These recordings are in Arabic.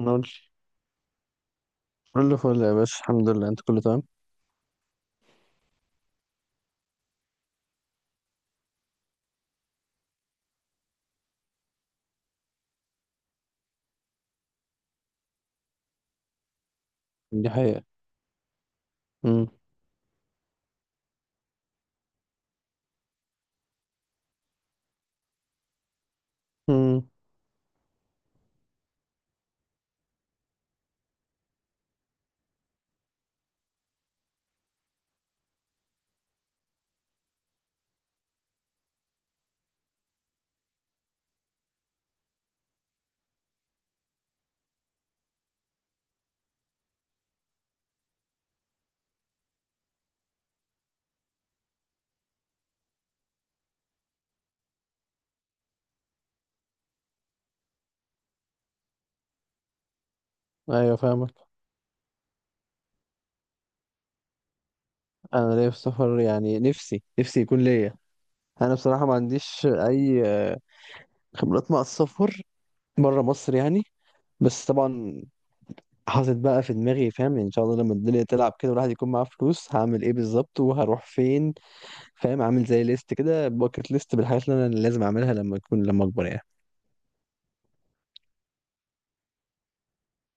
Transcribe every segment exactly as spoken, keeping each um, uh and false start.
نقول، كله فل يا باشا، الحمد لله. انت كله تمام؟ دي حقيقة. امم، امم. ايوه، فاهمك. انا ليا في السفر يعني، نفسي نفسي يكون ليا. انا بصراحة ما عنديش اي آه، خبرات مع السفر بره مصر يعني. بس طبعا حاطط بقى في دماغي، فاهم يعني، ان شاء الله لما الدنيا تلعب كده والواحد يكون معاه فلوس هعمل ايه بالظبط وهروح فين. فاهم، عامل زي ليست كده، باكت ليست بالحاجات اللي انا لازم اعملها لما اكون لما اكبر يعني.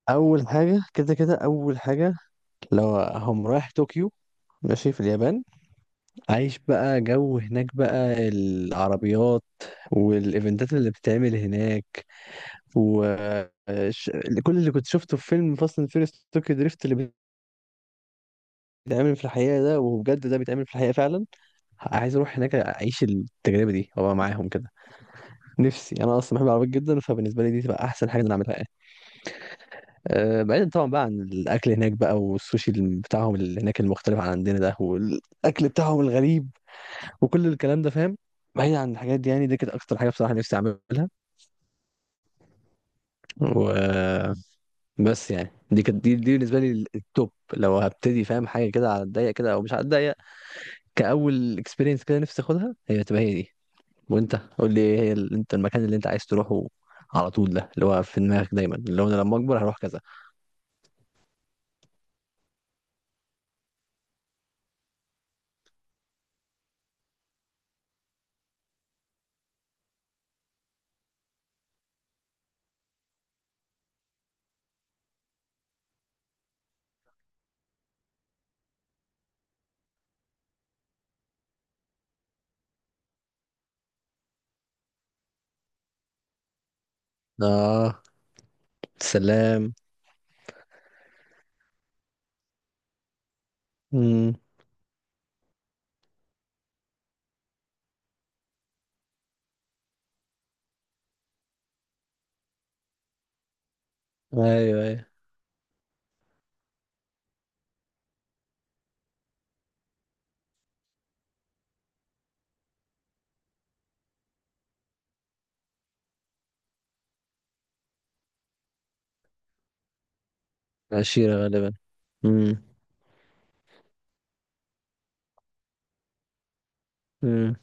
اول حاجة كده، كده اول حاجة. لو هم رايح طوكيو، ماشي في اليابان، عايش بقى جو هناك، بقى العربيات والايفنتات اللي بتتعمل هناك، و ش- كل اللي كنت شفته في فيلم فاست اند فيريس طوكيو دريفت اللي بيتعمل في الحقيقة ده، وبجد ده بيتعمل في الحقيقة فعلا. عايز اروح هناك اعيش التجربة دي وابقى معاهم كده. نفسي، انا اصلا بحب العربيات جدا، فبالنسبة لي دي تبقى احسن حاجة انا اعملها يعني. أه، بعيدا طبعا بقى عن الاكل هناك بقى، والسوشي بتاعهم اللي هناك المختلف عن عندنا ده، والاكل بتاعهم الغريب وكل الكلام ده فاهم. بعيد عن الحاجات دي يعني، دي كانت اكتر حاجه بصراحه نفسي اعملها. و بس يعني دي كانت دي, دي بالنسبه لي التوب. لو هبتدي فاهم حاجه كده على الضيق كده او مش على الضيق، كاول اكسبيرينس كده، نفسي اخدها هي تبقى هي دي. وانت قول لي ايه هي ال- انت المكان اللي انت عايز تروحه على طول، ده اللي هو في دماغك دايما، اللي هو انا لما اكبر هروح كذا؟ اه. سلام. امم. ايوه، ايوه، عشيره غالبا. امم، امم.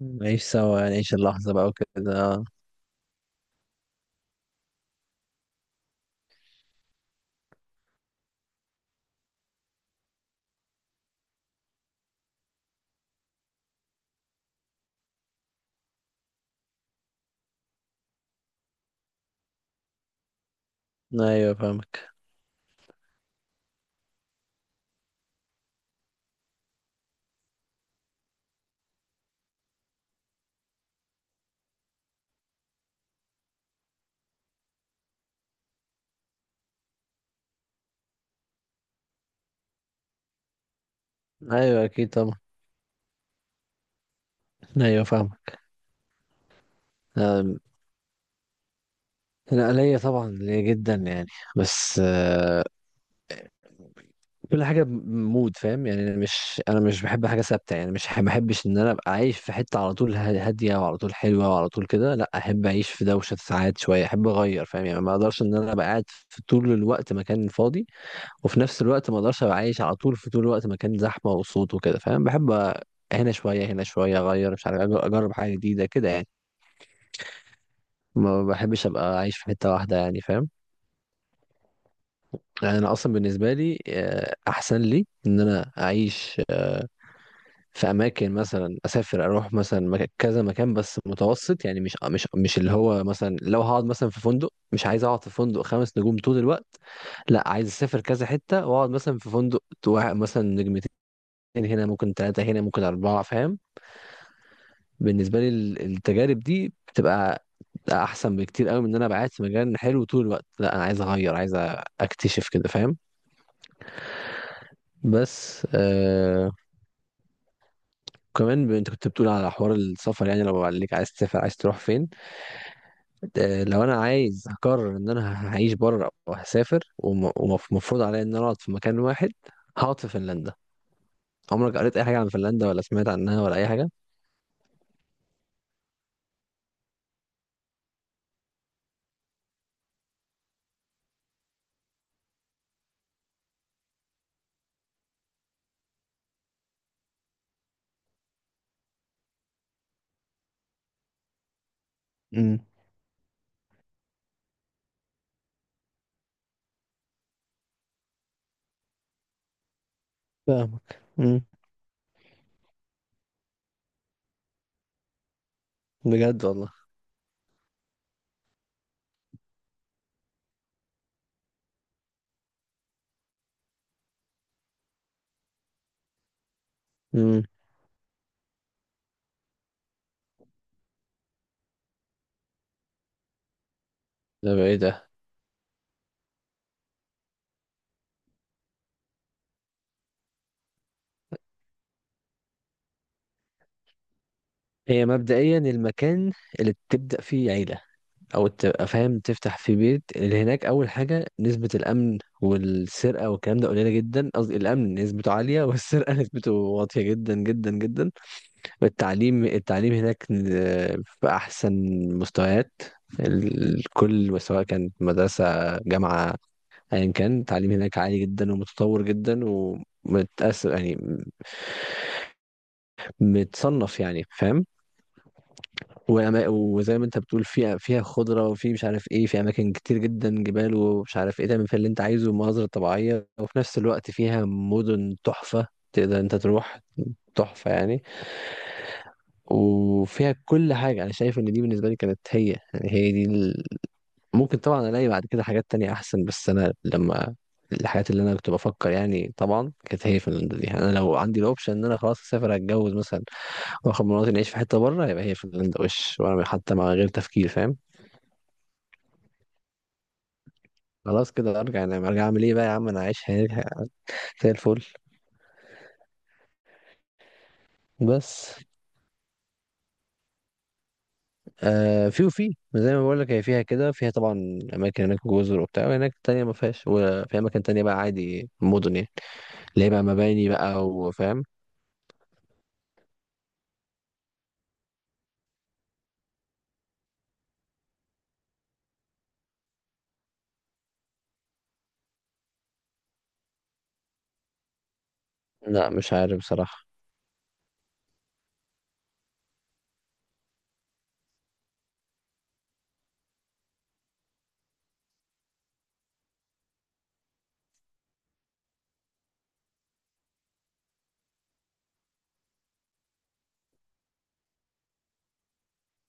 نعيش سوا يعني، نعيش اللحظه بقى وكده آه. ايوه، فاهم. ايوه، اكيد طبعا. ايوه، فاهمك. أم، انا ليا طبعا، ليا جدا يعني. بس آه، كل حاجه بمود، فاهم يعني، انا مش انا مش بحب حاجه ثابته يعني، مش ما بحبش ان انا ابقى عايش في حته على طول ه- هاديه وعلى طول حلوه وعلى طول كده. لا، احب اعيش في دوشه ساعات، شويه احب اغير، فاهم يعني، ما اقدرش ان انا ابقى قاعد في طول الوقت مكان فاضي، وفي نفس الوقت ما اقدرش ابقى عايش على طول في طول الوقت مكان زحمه وصوت وكده، فاهم. بحب هنا شويه، هنا شويه اغير، مش عارف، أج- اجرب حاجه جديده كده يعني. ما بحبش ابقى عايش في حته واحده يعني، فاهم. يعني انا اصلا بالنسبه لي آه، احسن لي ان انا اعيش آه، في اماكن، مثلا اسافر اروح مثلا مك- كذا مكان، بس متوسط يعني، مش مش مش اللي هو مثلا لو هقعد مثلا في فندق، مش عايز اقعد في فندق خمس نجوم طول الوقت. لا، عايز اسافر كذا حته واقعد مثلا في فندق واحد مثلا نجمتين، هنا ممكن ثلاثه، هنا ممكن اربعه، فاهم. بالنسبه لي ال- التجارب دي بتبقى احسن بكتير قوي من ان انا أبقى قاعد في مكان حلو طول الوقت. لا، انا عايز اغير، عايز أ- اكتشف كده، فاهم. بس آه، وكمان ب- انت كنت بتقول على حوار السفر، يعني لو قال لك عايز تسافر، عايز تروح فين؟ آه، لو انا عايز اقرر ان انا هعيش بره وهسافر، ومفروض عليا ان انا اقعد في مكان واحد، هقعد في فنلندا. عمرك قريت اي حاجه عن فنلندا ولا سمعت عنها ولا اي حاجه؟ امم. فاهمك. امم. بجد والله. امم. ده بقى ايه ده؟ هي مبدئيا المكان اللي بتبدا فيه عيله، او تبقى فاهم تفتح في بيت اللي هناك. اول حاجه، نسبه الامن والسرقه والكلام ده قليله جدا، قصدي الامن نسبته عاليه والسرقه نسبته واطيه جدا جدا جدا. والتعليم، التعليم هناك آه، في احسن مستويات، الكل سواء كانت مدرسه، جامعه، ايا كان، التعليم هناك عالي جدا ومتطور جدا ومتأثر يعني، متصنف يعني، فاهم. وأما... وزي ما انت بتقول، فيها، فيها خضرة، وفي مش عارف ايه، في اماكن كتير جدا، جبال ومش عارف ايه، تعمل فيها اللي انت عايزه ومناظر طبيعية، وفي نفس الوقت فيها مدن تحفة تقدر انت تروح، تحفة يعني. وفيها كل حاجة، انا شايف ان دي بالنسبة لي كانت هي، يعني هي دي ال... ممكن طبعا الاقي بعد كده حاجات تانية احسن، بس انا لما، الحاجات اللي انا كنت بفكر يعني طبعا كانت هي فنلندا دي يعني. انا لو عندي الاوبشن ان انا خلاص اسافر، اتجوز مثلا، واخد مراتي نعيش في حته بره، يبقى هي فنلندا وش، وانا حتى مع غير تفكير، فاهم. خلاص كده ارجع انام، ارجع اعمل ايه بقى يا عم، انا عايش حياتي زي الفل. بس آه في، وفي زي ما بقول لك، هي فيها كده، فيها طبعا اماكن هناك جزر وبتاع، وهناك تانية ما فيهاش، وفي اماكن تانية بقى عادي مدن يعني، اللي هي بقى مباني بقى، وفاهم. لا، مش عارف بصراحة.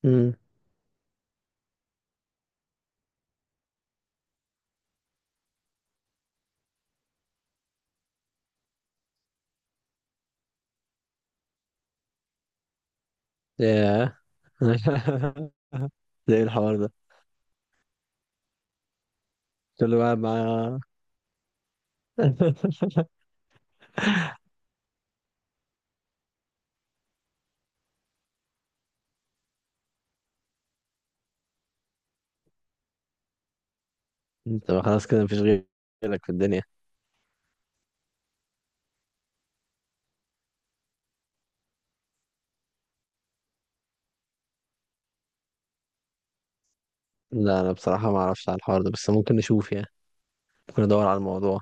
امم. ياه. ده ايه الحوار ده؟ كل واحد مع، انت خلاص كده مفيش غيرك في الدنيا. لا، انا بصراحة ما اعرفش على الحوار ده، بس ممكن نشوف يعني، ممكن ندور على الموضوع.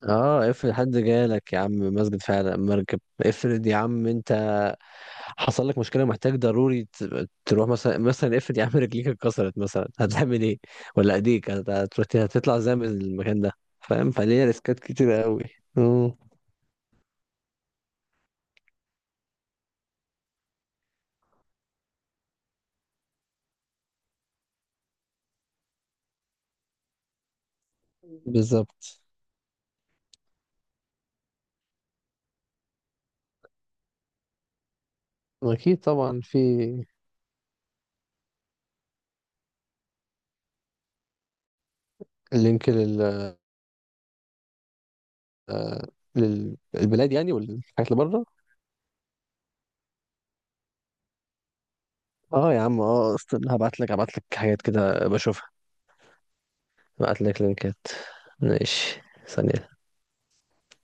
اه، افرض حد جالك يا عم، مسجد فعلا مركب، افرض يا عم انت حصل لك مشكله، محتاج ضروري ت- تروح مثلا مثلا افرض يا عم رجليك اتكسرت مثلا، هتعمل ايه؟ ولا ايديك هت- هت- هتطلع ازاي من المكان ده؟ فاهم، فليه ريسكات كتير قوي. امم. بالظبط. اكيد طبعا. في لينك لل للبلاد يعني، والحاجات اللي بره؟ اه يا عم، اه، استنى، هبعت لك هبعت لك حاجات كده بشوفها. هبعت لك لينكات. ماشي. ثانية.